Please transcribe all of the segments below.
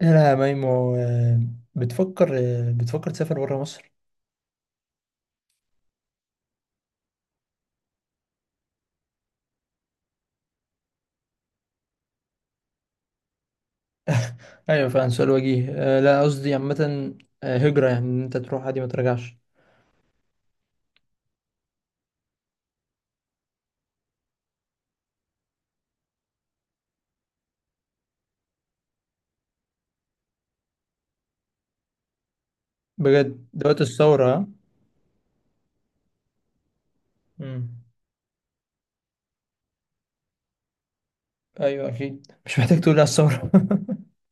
لا يا ميمو آه، بتفكر؟ بتفكر تسافر بره مصر؟ ايوه فعلا سؤال وجيه. لا، قصدي عامة. هجرة، يعني ان انت تروح عادي ما ترجعش. بجد دلوقتي الثورة ها؟ مم. ايوه اكيد مش محتاج تقول لي على الثورة.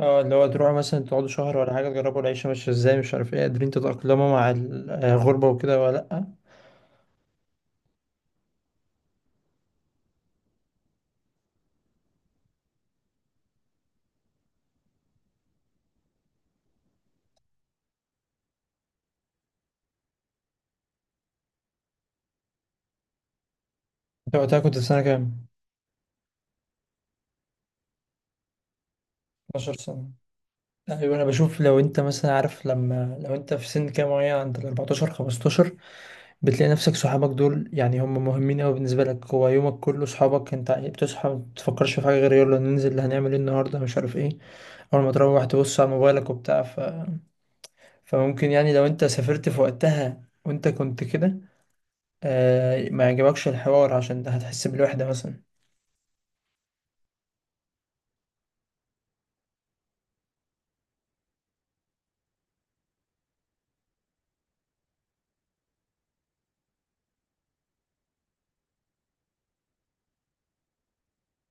اه، اللي هو تروحوا مثلا تقعدوا شهر ولا حاجة، تجربوا العيشة ماشية ازاي، مش عارف ايه، قادرين تتأقلموا مع الغربة وكده ولا لأ؟ انت وقتها كنت في سنة كام؟ 12 سنة. ايوه انا بشوف لو انت مثلا عارف، لما لو انت في سن كام معين، عند ال 14 15 بتلاقي نفسك صحابك دول، يعني هم مهمين قوي بالنسبه لك. هو يومك كله صحابك، انت بتصحى ما بتفكرش في حاجه غير يلا ننزل، اللي هنعمل ايه النهارده، مش عارف ايه. اول ما تروح تبص على موبايلك وبتاع فممكن يعني لو انت سافرت في وقتها وانت كنت كده، ما يعجبكش الحوار، عشان ده هتحس بالوحده مثلا.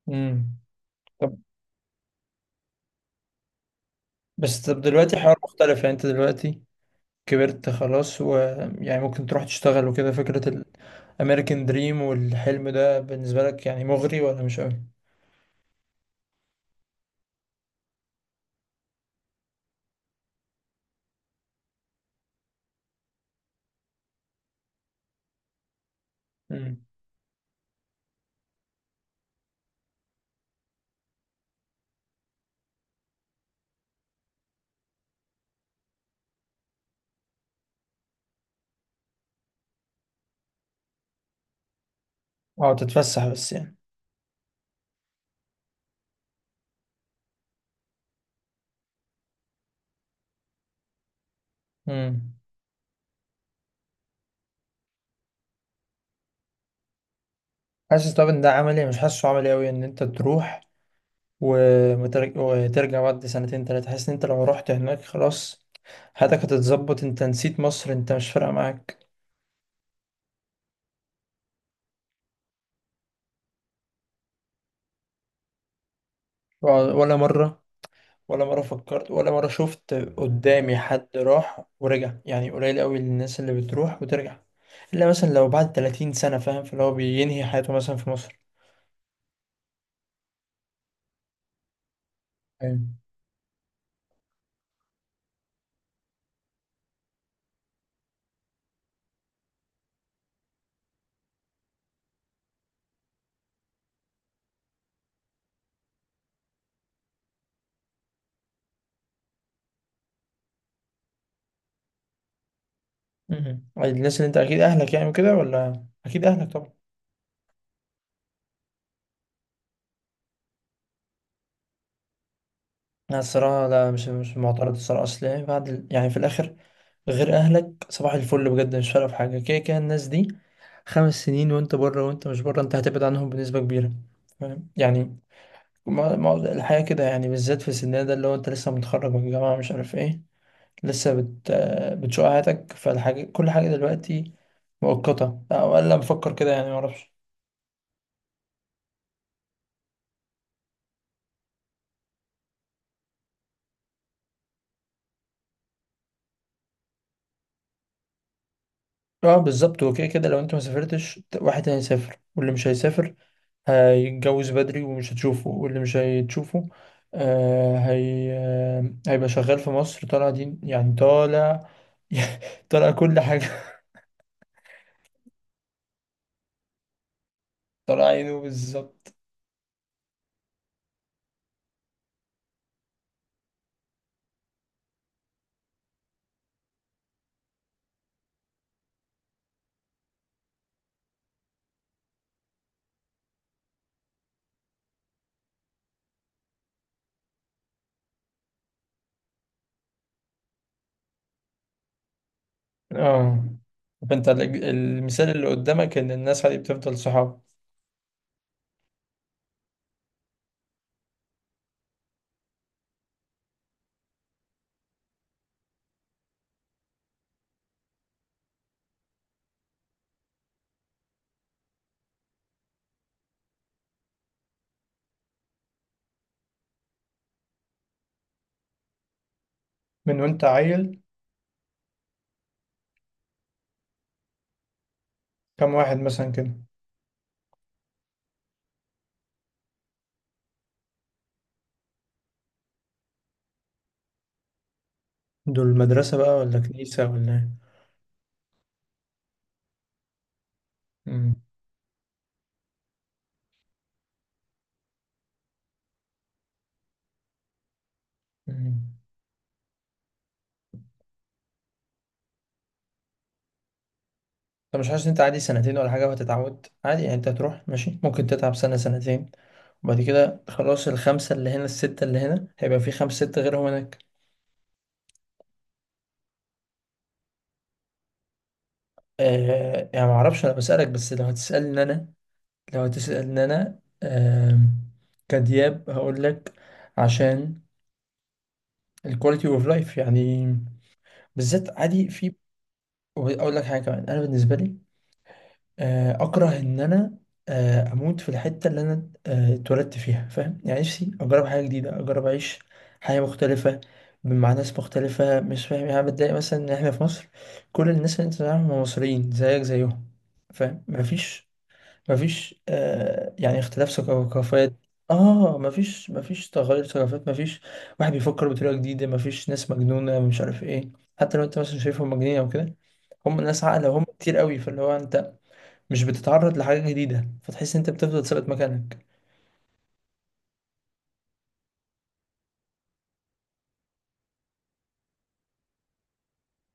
امم. طب بس طب دلوقتي حوار مختلف، يعني انت دلوقتي كبرت خلاص، ويعني ممكن تروح تشتغل وكده فكره. الامريكان دريم والحلم ده بالنسبه لك، يعني مغري ولا مش قوي؟ اه تتفسح بس يعني. امم. حاسس طب ان ده عملي؟ مش حاسه عملي قوي ان انت تروح وترجع بعد سنتين تلاتة. حاسس ان انت لو رحت هناك خلاص حياتك هتتظبط، انت نسيت مصر، انت مش فارقة معاك. ولا مرة. ولا مرة فكرت، ولا مرة شفت قدامي حد راح ورجع، يعني قليل قوي الناس اللي بتروح وترجع، الا مثلا لو بعد 30 سنة، فاهم، فاللي هو بينهي حياته مثلا في مصر. أيوة. مم. الناس اللي انت اكيد اهلك يعني وكده، ولا اكيد اهلك طبعا. لا الصراحة لا، مش معترض الصراحة، أصل يعني يعني في الآخر غير أهلك صباح الفل بجد مش فارقة في حاجة، كده كده الناس دي 5 سنين وأنت بره، وأنت مش بره أنت هتبعد عنهم بنسبة كبيرة، فاهم يعني؟ ما الحياة كده يعني، بالذات في سننا ده، اللي هو أنت لسه متخرج من الجامعة، مش عارف إيه، لسه بت آه، بتشوق حياتك، فالحاجة كل حاجة دلوقتي مؤقتة، أو أقل بفكر كده يعني، معرفش. اه بالظبط، وكده كده لو انت ما سافرتش واحد تاني يسافر، واللي مش هيسافر هيتجوز بدري ومش هتشوفه، واللي مش هتشوفه هي هيبقى شغال في مصر طالع دين، يعني طالع طالع كل حاجة، طالع عينه بالظبط. اه فانت المثال اللي قدامك ان الناس هي بتفضل صحاب من وانت عيل. كم واحد مثلا كده؟ دول مدرسة بقى ولا كنيسة ولا ايه؟ مم. مم. انت مش حاسس ان انت عادي سنتين ولا حاجة وهتتعود عادي؟ يعني انت هتروح ماشي، ممكن تتعب سنة سنتين، وبعد كده خلاص، الخمسة اللي هنا الستة اللي هنا هيبقى في خمسة ستة غيرهم هناك. يعني معرفش، أنا بسألك بس، لو هتسألني أنا كدياب هقول لك، عشان الكواليتي اوف لايف يعني، بالذات عادي في. وأقول لك حاجة كمان، أنا بالنسبة لي اكره ان انا اموت في الحته اللي انا اتولدت فيها، فاهم يعني؟ نفسي اجرب حاجه جديده، اجرب اعيش حياه مختلفه مع ناس مختلفه، مش فاهم يعني، أنا بتضايق مثلا ان احنا في مصر كل الناس اللي انت تعرفهم هم مصريين زيك زيهم، فاهم، مفيش، مفيش يعني اختلاف ثقافات. اه مفيش، مفيش تغير ثقافات، مفيش واحد بيفكر بطريقه جديده، مفيش ناس مجنونه، مش عارف ايه، حتى لو انت مثلا شايفهم مجانين او كده، هم ناس عاقله وهم كتير قوي، فاللي هو انت مش بتتعرض لحاجة جديدة، فتحس إن أنت بتفضل ثابت مكانك.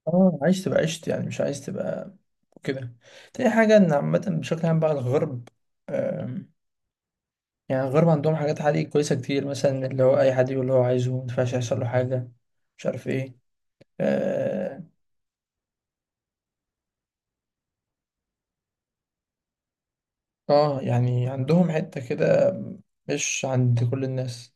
اه عايز تبقى عشت يعني، مش عايز تبقى كده. تاني حاجة إن عامة بشكل عام بقى الغرب، آم، يعني الغرب عندهم حاجات عالية كويسة كتير، مثلا اللي هو أي حد يقول اللي هو عايزه مينفعش يحصل له حاجة، مش عارف إيه. آه يعني عندهم حتة كده، مش عند كل الناس.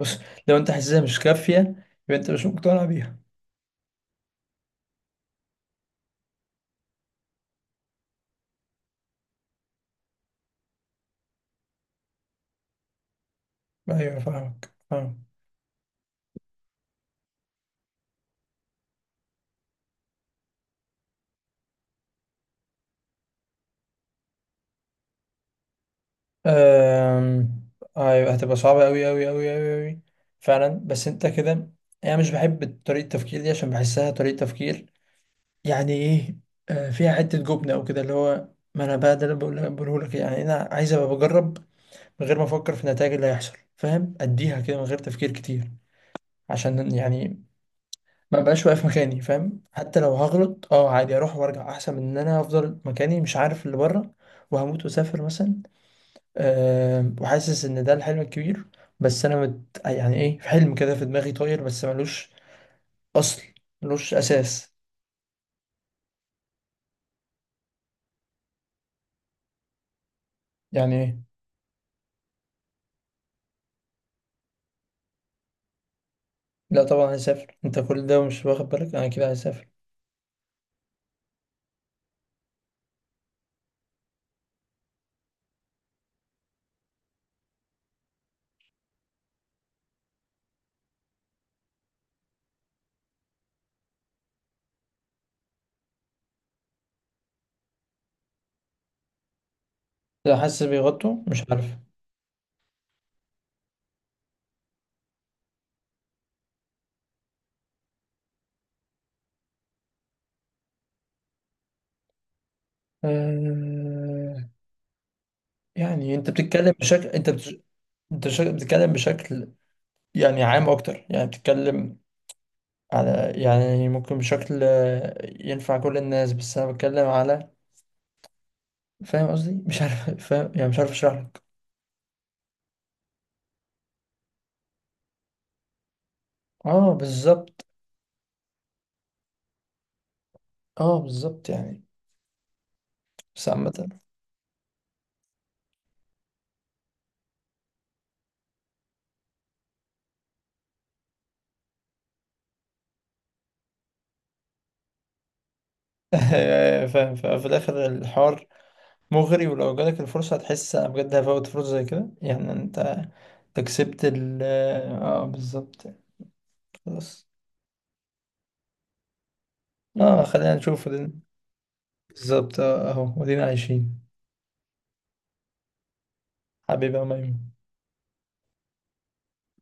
بص، لو أنت حاسسها مش كافية، يبقى أنت مش مقتنع بيها. أيوة فاهمك فاهمك. أم... أيوة هتبقى صعبة أوي أوي أوي أوي أوي فعلا، بس أنت كده. أنا مش بحب طريقة التفكير دي عشان بحسها طريقة تفكير، يعني إيه، فيها حتة جبنة أو كده، اللي هو ما أنا بقى ده اللي بقوله لك، يعني أنا عايز أبقى بجرب من غير ما أفكر في النتائج اللي هيحصل، فاهم، أديها كده من غير تفكير كتير، عشان يعني ما بقاش واقف مكاني، فاهم، حتى لو هغلط أه عادي، أروح وأرجع أحسن من إن أنا أفضل مكاني مش عارف اللي بره. وهموت وأسافر مثلا، أه وحاسس ان ده الحلم الكبير. بس انا يعني ايه، في حلم كده في دماغي طاير، بس ملوش اصل، ملوش اساس. يعني ايه؟ لا طبعا هسافر، انت كل ده مش واخد بالك، انا كده هسافر. لا حاسس بيغطوا مش عارف. أه يعني انت بتتكلم بشكل، بتتكلم بشكل يعني عام اكتر، يعني بتتكلم على، يعني ممكن بشكل ينفع كل الناس، بس انا بتكلم على، فاهم قصدي؟ مش عارف فاهم يعني، مش عارف اشرح لك. اه بالظبط، اه بالظبط يعني، بس عامة. ففي الآخر الحوار مغري، ولو جالك الفرصة هتحس أنا بجد هفوت فرصة زي كده يعني؟ أنت كسبت اه بالظبط يعني. خلاص. اه خلينا نشوف ودينا، بالظبط أهو ودينا عايشين. حبيبي يا ميمون.